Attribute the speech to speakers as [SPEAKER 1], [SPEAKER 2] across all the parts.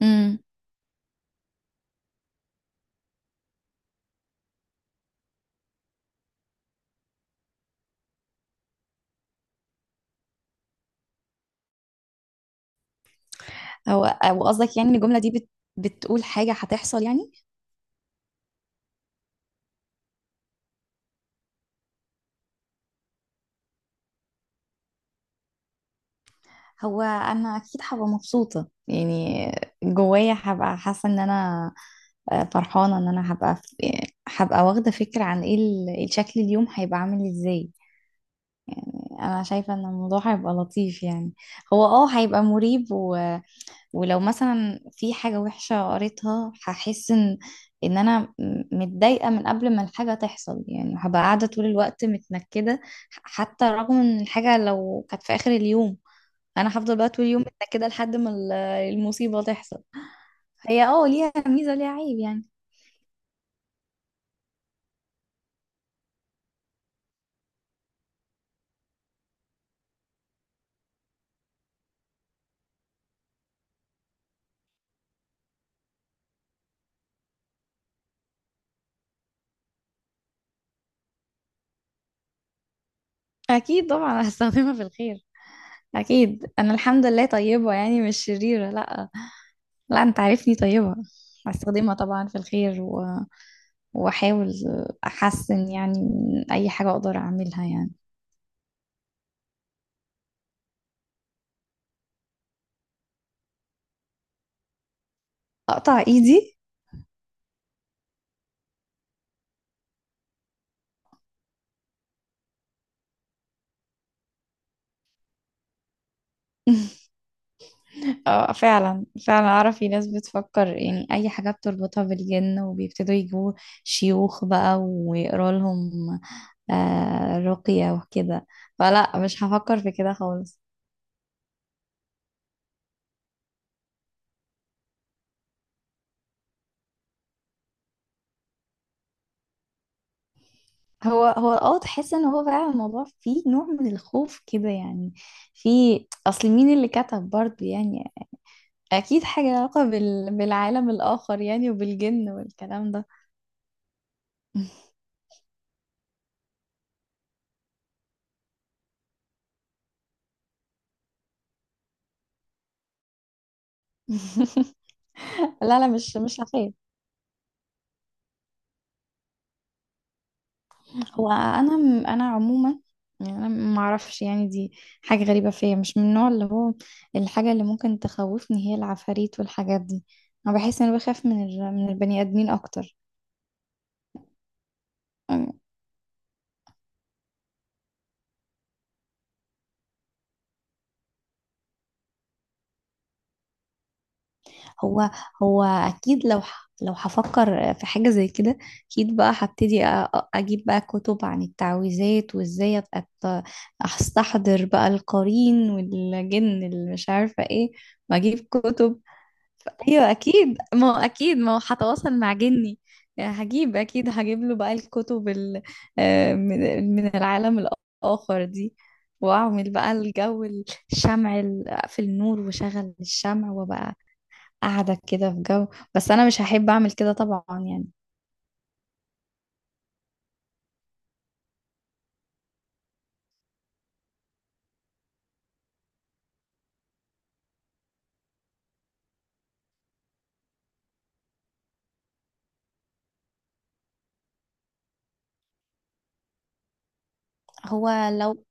[SPEAKER 1] امم هو قصدك يعني إن الجملة دي بتقول حاجة هتحصل يعني؟ هو أنا أكيد هبقى مبسوطة يعني، جوايا هبقى حاسة إن أنا فرحانة إن أنا هبقى واخدة فكرة عن إيه الشكل اليوم هيبقى عامل إزاي. أنا شايفة إن الموضوع هيبقى لطيف يعني، هو هيبقى مريب. ولو مثلا في حاجة وحشة قريتها هحس ان انا متضايقة من قبل ما الحاجة تحصل، يعني هبقى قاعدة طول الوقت متنكدة. حتى رغم ان الحاجة لو كانت في اخر اليوم، انا هفضل بقى طول اليوم متنكدة لحد ما المصيبة تحصل. هي ليها ميزة ليها عيب يعني. اكيد طبعا هستخدمها في الخير. اكيد انا الحمد لله طيبة يعني، مش شريرة، لا. لا، انت عارفني طيبة. هستخدمها طبعا في الخير واحاول احسن يعني من اي حاجة اقدر اعملها يعني. اقطع ايدي؟ اه، فعلا فعلا اعرف في ناس بتفكر، يعني اي حاجة بتربطها بالجن وبيبتدوا يجيبوا شيوخ بقى ويقروا لهم رقية وكده. فلا مش هفكر في كده خالص. هو تحس ان هو فعلا الموضوع فيه نوع من الخوف كده يعني. في، اصل مين اللي كتب برضه يعني؟ اكيد حاجة لها علاقة بالعالم الاخر يعني، وبالجن والكلام ده. لا لا، مش هخاف. هو انا عموما، يعني انا ما اعرفش يعني، دي حاجه غريبه فيا، مش من النوع اللي هو. الحاجه اللي ممكن تخوفني هي العفاريت والحاجات دي. انا بحس ان انا بخاف من من البني ادمين اكتر. أم، هو هو اكيد لو هفكر في حاجه زي كده، اكيد بقى هبتدي اجيب بقى كتب عن التعويذات، وازاي ابقى استحضر بقى القرين والجن اللي مش عارفه ايه، واجيب كتب. ايوه اكيد، ما هو هتواصل مع جني يعني. هجيب له بقى الكتب من العالم الاخر دي. واعمل بقى الجو، الشمع في النور، وشغل الشمع، وبقى قاعده كده في جو. بس انا مش هحب اعمل كده طبعا يعني. هو لو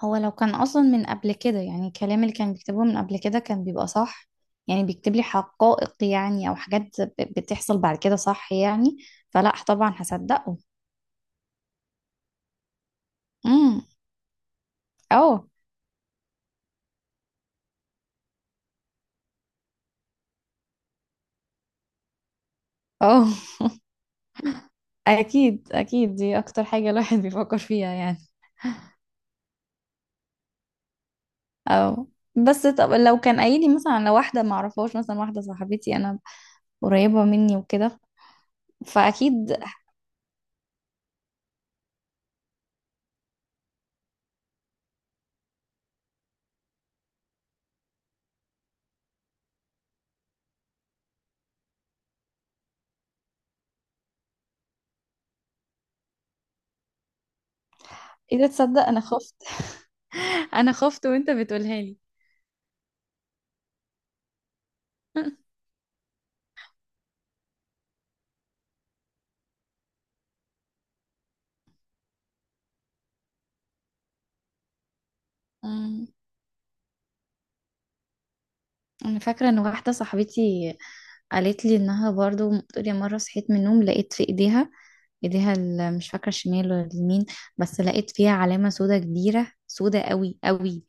[SPEAKER 1] هو لو كان اصلا من قبل كده، يعني الكلام اللي كان بيكتبه من قبل كده كان بيبقى صح، يعني بيكتب لي حقائق يعني، او حاجات بتحصل بعد كده صح يعني. فلا طبعا هصدقه. امم، اه. اه. اكيد اكيد، دي اكتر حاجة الواحد بيفكر فيها يعني. اه، بس طب لو كان قايل لي مثلا على واحدة ما اعرفهاش، مثلا واحدة صاحبتي انا قريبة مني وكده، فاكيد. اذا تصدق انا خفت. انا خفت وانت بتقولها لي. انا فاكره ان واحده صاحبتي قالت لي انها برضو بتقول، يا مره صحيت من النوم لقيت في ايديها مش فاكره الشمال ولا اليمين. بس لقيت فيها علامه سودا كبيره، سودا قوي قوي.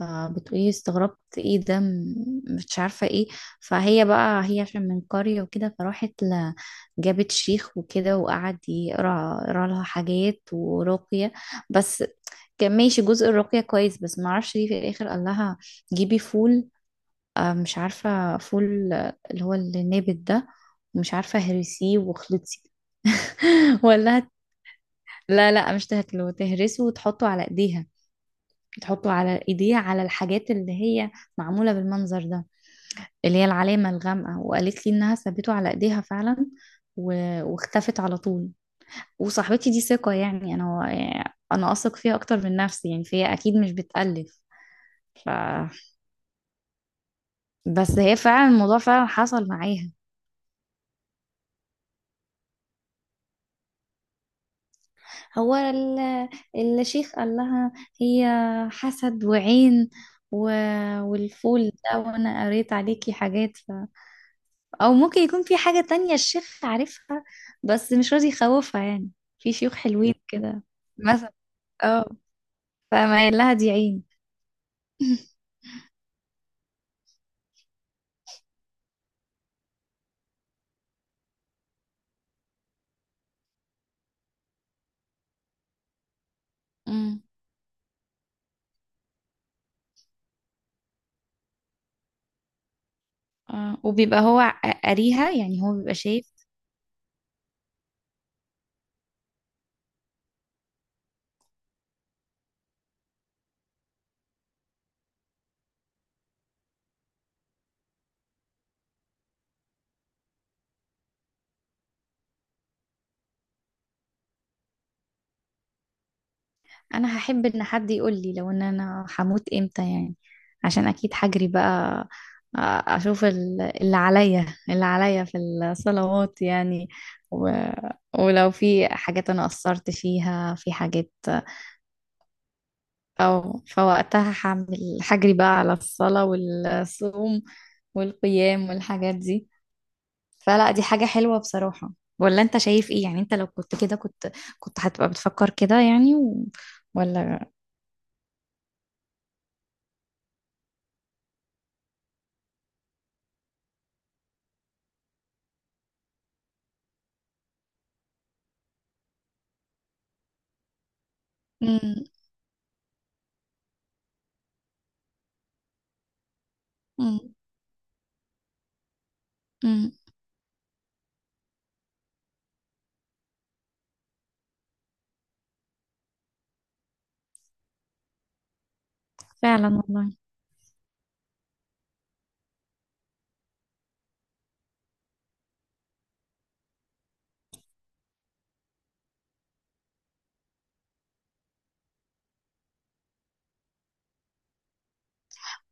[SPEAKER 1] فبتقولي استغربت ايه ده، مش عارفه ايه. فهي بقى هي عشان من قريه وكده، فراحت جابت شيخ وكده، وقعد يقرا يقرا لها حاجات ورقيه. بس كان ماشي جزء الرقيه كويس، بس ما اعرفش ليه في الاخر قال لها جيبي فول. مش عارفة فول، اللي هو النابت ده. ومش عارفة هرسيه واخلطي. ولا هت... لا لا، مش تهرسه وتحطه على ايديها. تحطه على ايديها، على الحاجات اللي هي معمولة بالمنظر ده، اللي هي العلامة الغامقة. وقالت لي انها سابته على ايديها فعلا و... واختفت على طول. وصاحبتي دي ثقة يعني، انا اثق فيها اكتر من نفسي يعني، فهي اكيد مش بتألف. ف... بس هي فعلا الموضوع فعلا حصل معاها. هو الشيخ قال لها هي حسد وعين، و... والفول ده وانا قريت عليكي حاجات. او ممكن يكون في حاجة تانية الشيخ عارفها بس مش راضي يخوفها يعني. في شيوخ حلوين كده مثلا. اه، فما قال لها دي عين. امم آه. وبيبقى هو قاريها يعني، هو بيبقى شايف. انا هحب ان حد يقول لي لو ان انا هموت امتى يعني، عشان اكيد هجري بقى اشوف اللي عليا في الصلوات يعني. و... ولو في حاجات انا قصرت فيها، في حاجات، او فوقتها هعمل هجري بقى على الصلاة والصوم والقيام والحاجات دي. فلا دي حاجة حلوة بصراحة. ولا انت شايف ايه يعني؟ انت لو كنت كده، كنت هتبقى بتفكر كده يعني ولا؟ مم. امم فعلا والله.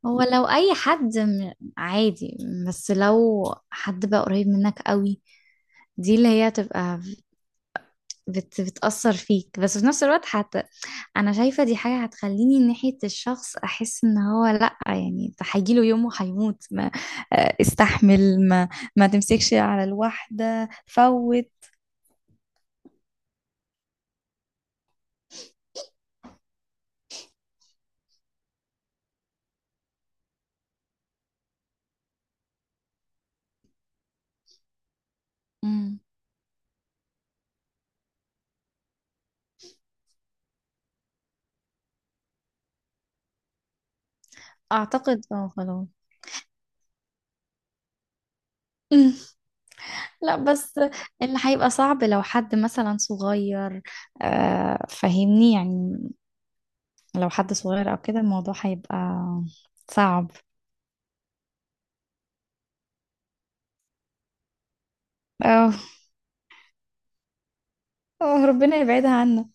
[SPEAKER 1] هو لو اي حد عادي. بس لو حد بقى قريب منك قوي، دي اللي هي تبقى بتأثر فيك. بس في نفس الوقت حتى، انا شايفة دي حاجة هتخليني ناحية الشخص احس ان هو لا، يعني ده هيجيله يوم وهيموت، ما استحمل. ما تمسكش على الواحدة فوت. امم اعتقد خلاص. أمم. لا بس اللي هيبقى صعب لو حد مثلا صغير، فاهمني يعني. لو حد صغير او كده الموضوع هيبقى صعب. اه، ربنا يبعدها عنا.